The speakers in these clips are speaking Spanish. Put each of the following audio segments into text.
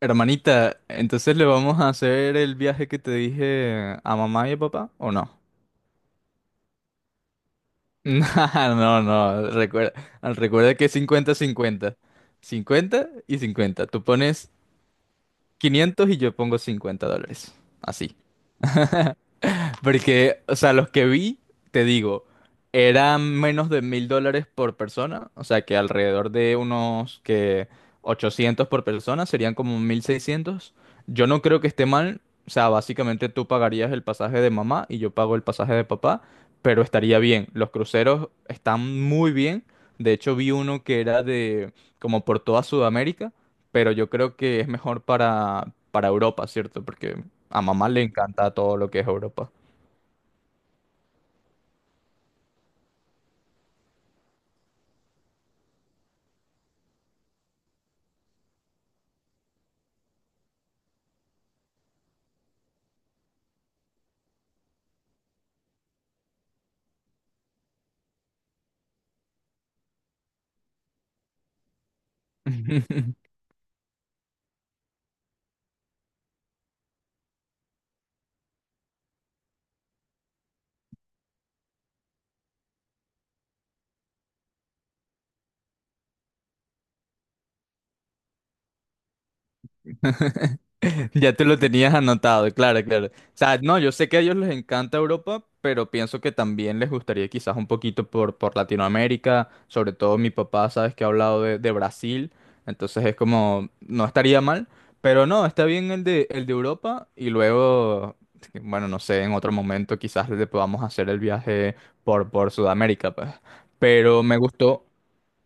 Hermanita, entonces le vamos a hacer el viaje que te dije a mamá y a papá, ¿o no? No, no, recuerda que es cincuenta-cincuenta, cincuenta cincuenta y 50. Tú pones 500 y yo pongo $50. Así. Porque, o sea, los que vi, te digo, eran menos de $1,000 por persona, o sea, que alrededor de unos que 800 por persona serían como 1,600. Yo no creo que esté mal, o sea, básicamente tú pagarías el pasaje de mamá y yo pago el pasaje de papá, pero estaría bien. Los cruceros están muy bien. De hecho, vi uno que era de como por toda Sudamérica, pero yo creo que es mejor para, Europa, ¿cierto? Porque a mamá le encanta todo lo que es Europa. Ya te lo tenías anotado, claro, claro. O sea, no, yo sé que a ellos les encanta Europa, pero pienso que también les gustaría quizás un poquito por, Latinoamérica, sobre todo mi papá, sabes que ha hablado de Brasil, entonces es como, no estaría mal, pero no, está bien el de Europa y luego, bueno, no sé, en otro momento quizás le podamos hacer el viaje por Sudamérica, pues. Pero me gustó.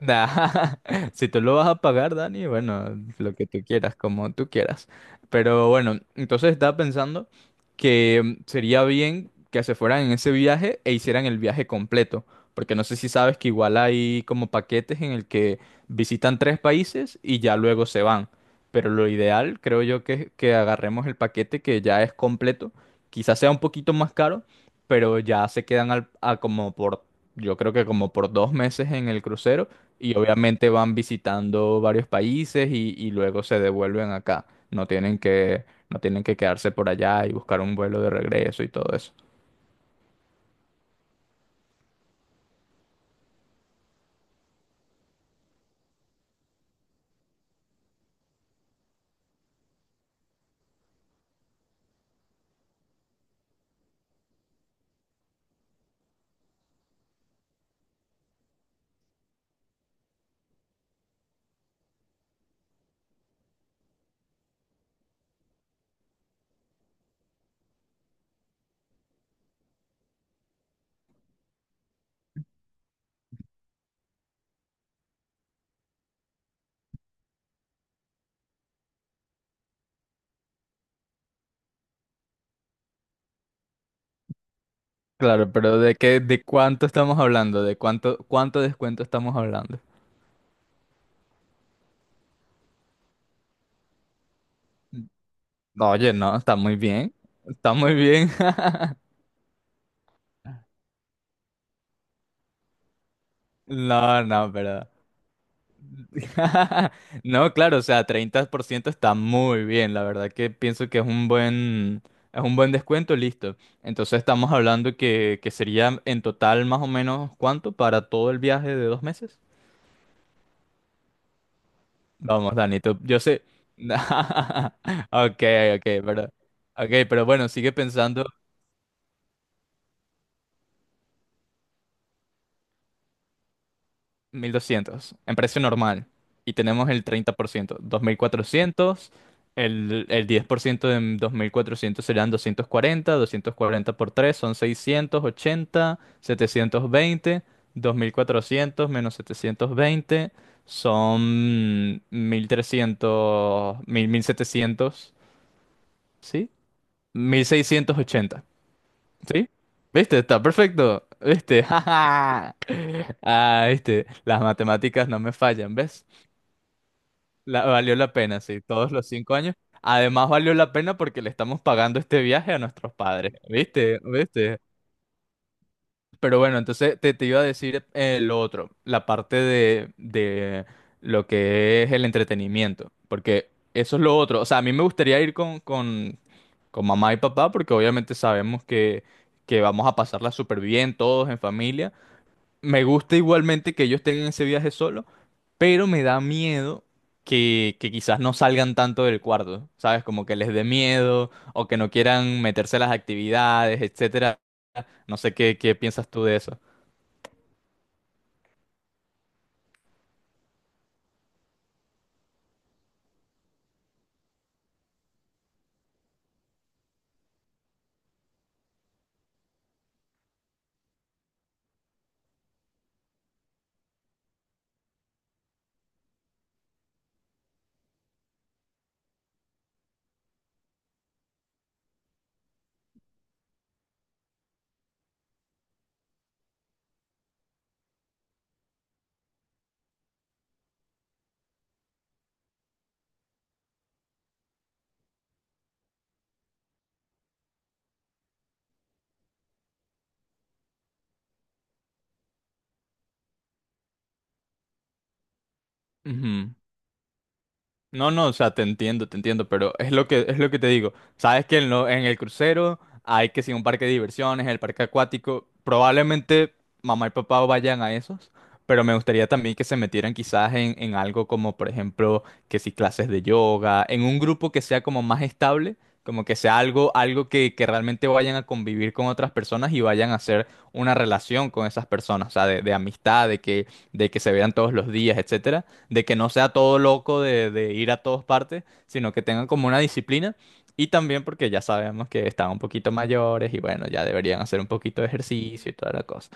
Nah, si tú lo vas a pagar, Dani, bueno, lo que tú quieras, como tú quieras. Pero bueno, entonces estaba pensando que sería bien que se fueran en ese viaje e hicieran el viaje completo. Porque no sé si sabes que igual hay como paquetes en el que visitan tres países y ya luego se van. Pero lo ideal, creo yo, que es que agarremos el paquete que ya es completo. Quizás sea un poquito más caro, pero ya se quedan a como por, yo creo que como por 2 meses en el crucero y obviamente van visitando varios países y luego se devuelven acá. No tienen que quedarse por allá y buscar un vuelo de regreso y todo eso. Claro, pero ¿de qué, de cuánto estamos hablando? ¿De cuánto descuento estamos hablando? No, oye, no, está muy bien. Está muy bien. No, no, pero no, claro, o sea, 30% está muy bien, la verdad que pienso que es un buen descuento, listo. Entonces estamos hablando que sería en total más o menos cuánto para todo el viaje de 2 meses. Vamos, Dani, yo sé. Ok, ok, pero bueno, sigue pensando, 1,200 en precio normal. Y tenemos el 30%. 2,400. El 10% de 2,400 serán 240. 240 por 3 son 680. 720. 2,400 menos 720 son 1,300. Mil setecientos. ¿Sí? 1,680. ¿Sí? ¿Viste? Está perfecto. ¿Viste? ¡Ja, ja! Ah, ¿viste? Las matemáticas no me fallan, ¿ves? Valió la pena, sí, todos los 5 años. Además, valió la pena porque le estamos pagando este viaje a nuestros padres. ¿Viste? ¿Viste? Pero bueno, entonces te iba a decir lo otro, la parte de lo que es el entretenimiento, porque eso es lo otro. O sea, a mí me gustaría ir con, con mamá y papá, porque obviamente sabemos que vamos a pasarla súper bien todos en familia. Me gusta igualmente que ellos tengan ese viaje solo, pero me da miedo que quizás no salgan tanto del cuarto, ¿sabes? Como que les dé miedo o que no quieran meterse a las actividades, etcétera. No sé qué piensas tú de eso. Ujú. No, no, o sea, te entiendo, pero es lo que te digo. Sabes que en el crucero hay que si un parque de diversiones, el parque acuático, probablemente mamá y papá vayan a esos, pero me gustaría también que se metieran quizás en, algo como, por ejemplo, que si clases de yoga, en un grupo que sea como más estable, como que sea algo, algo que realmente vayan a convivir con otras personas y vayan a hacer una relación con esas personas, o sea, de, amistad, de que se vean todos los días, etcétera, de que no sea todo loco de ir a todas partes, sino que tengan como una disciplina y también porque ya sabemos que están un poquito mayores y bueno, ya deberían hacer un poquito de ejercicio y toda la cosa.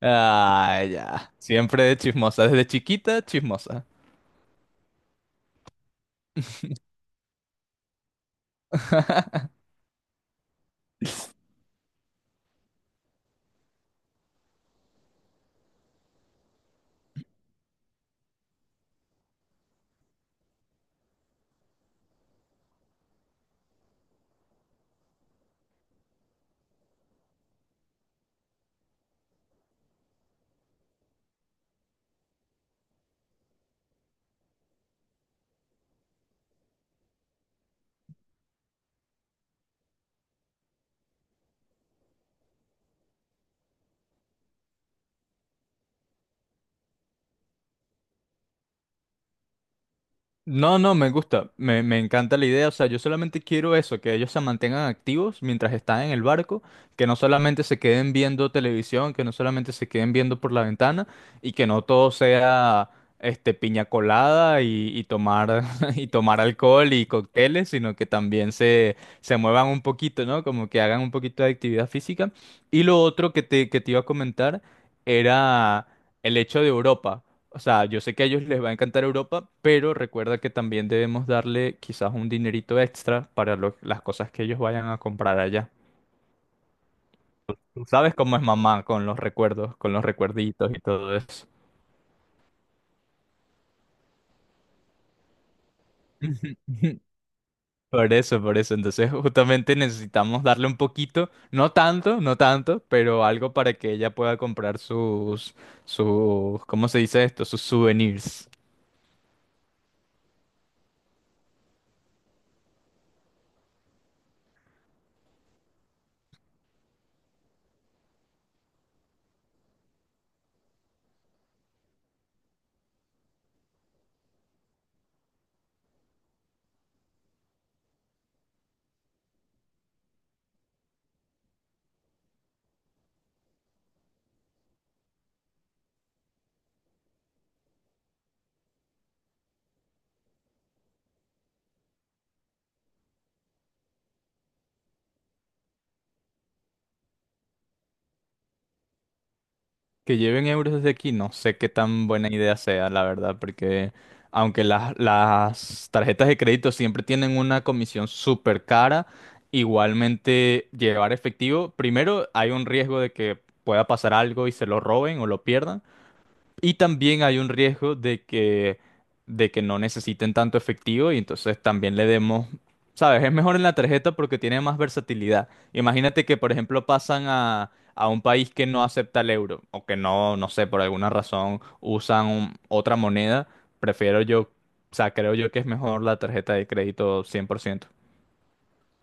Ah, ya. Siempre de chismosa, desde chiquita, chismosa. No, no, me gusta, me encanta la idea, o sea, yo solamente quiero eso, que ellos se mantengan activos mientras están en el barco, que no solamente se queden viendo televisión, que no solamente se queden viendo por la ventana y que no todo sea este piña colada y tomar y tomar alcohol y cócteles, sino que también se muevan un poquito, ¿no? Como que hagan un poquito de actividad física. Y lo otro que te iba a comentar era el hecho de Europa. O sea, yo sé que a ellos les va a encantar Europa, pero recuerda que también debemos darle quizás un dinerito extra para las cosas que ellos vayan a comprar allá. Tú, ¿sabes cómo es mamá con los recuerdos, con los recuerditos y todo eso? Por eso, por eso. Entonces, justamente necesitamos darle un poquito, no tanto, no tanto, pero algo para que ella pueda comprar sus, ¿cómo se dice esto? Sus souvenirs. Que lleven euros desde aquí, no sé qué tan buena idea sea, la verdad, porque aunque las tarjetas de crédito siempre tienen una comisión súper cara, igualmente llevar efectivo, primero hay un riesgo de que pueda pasar algo y se lo roben o lo pierdan. Y también hay un riesgo de que no necesiten tanto efectivo y entonces también le demos, ¿sabes? Es mejor en la tarjeta porque tiene más versatilidad. Imagínate que, por ejemplo, pasan a, un país que no acepta el euro o que no, no sé, por alguna razón usan otra moneda. Prefiero yo, o sea, creo yo que es mejor la tarjeta de crédito 100%.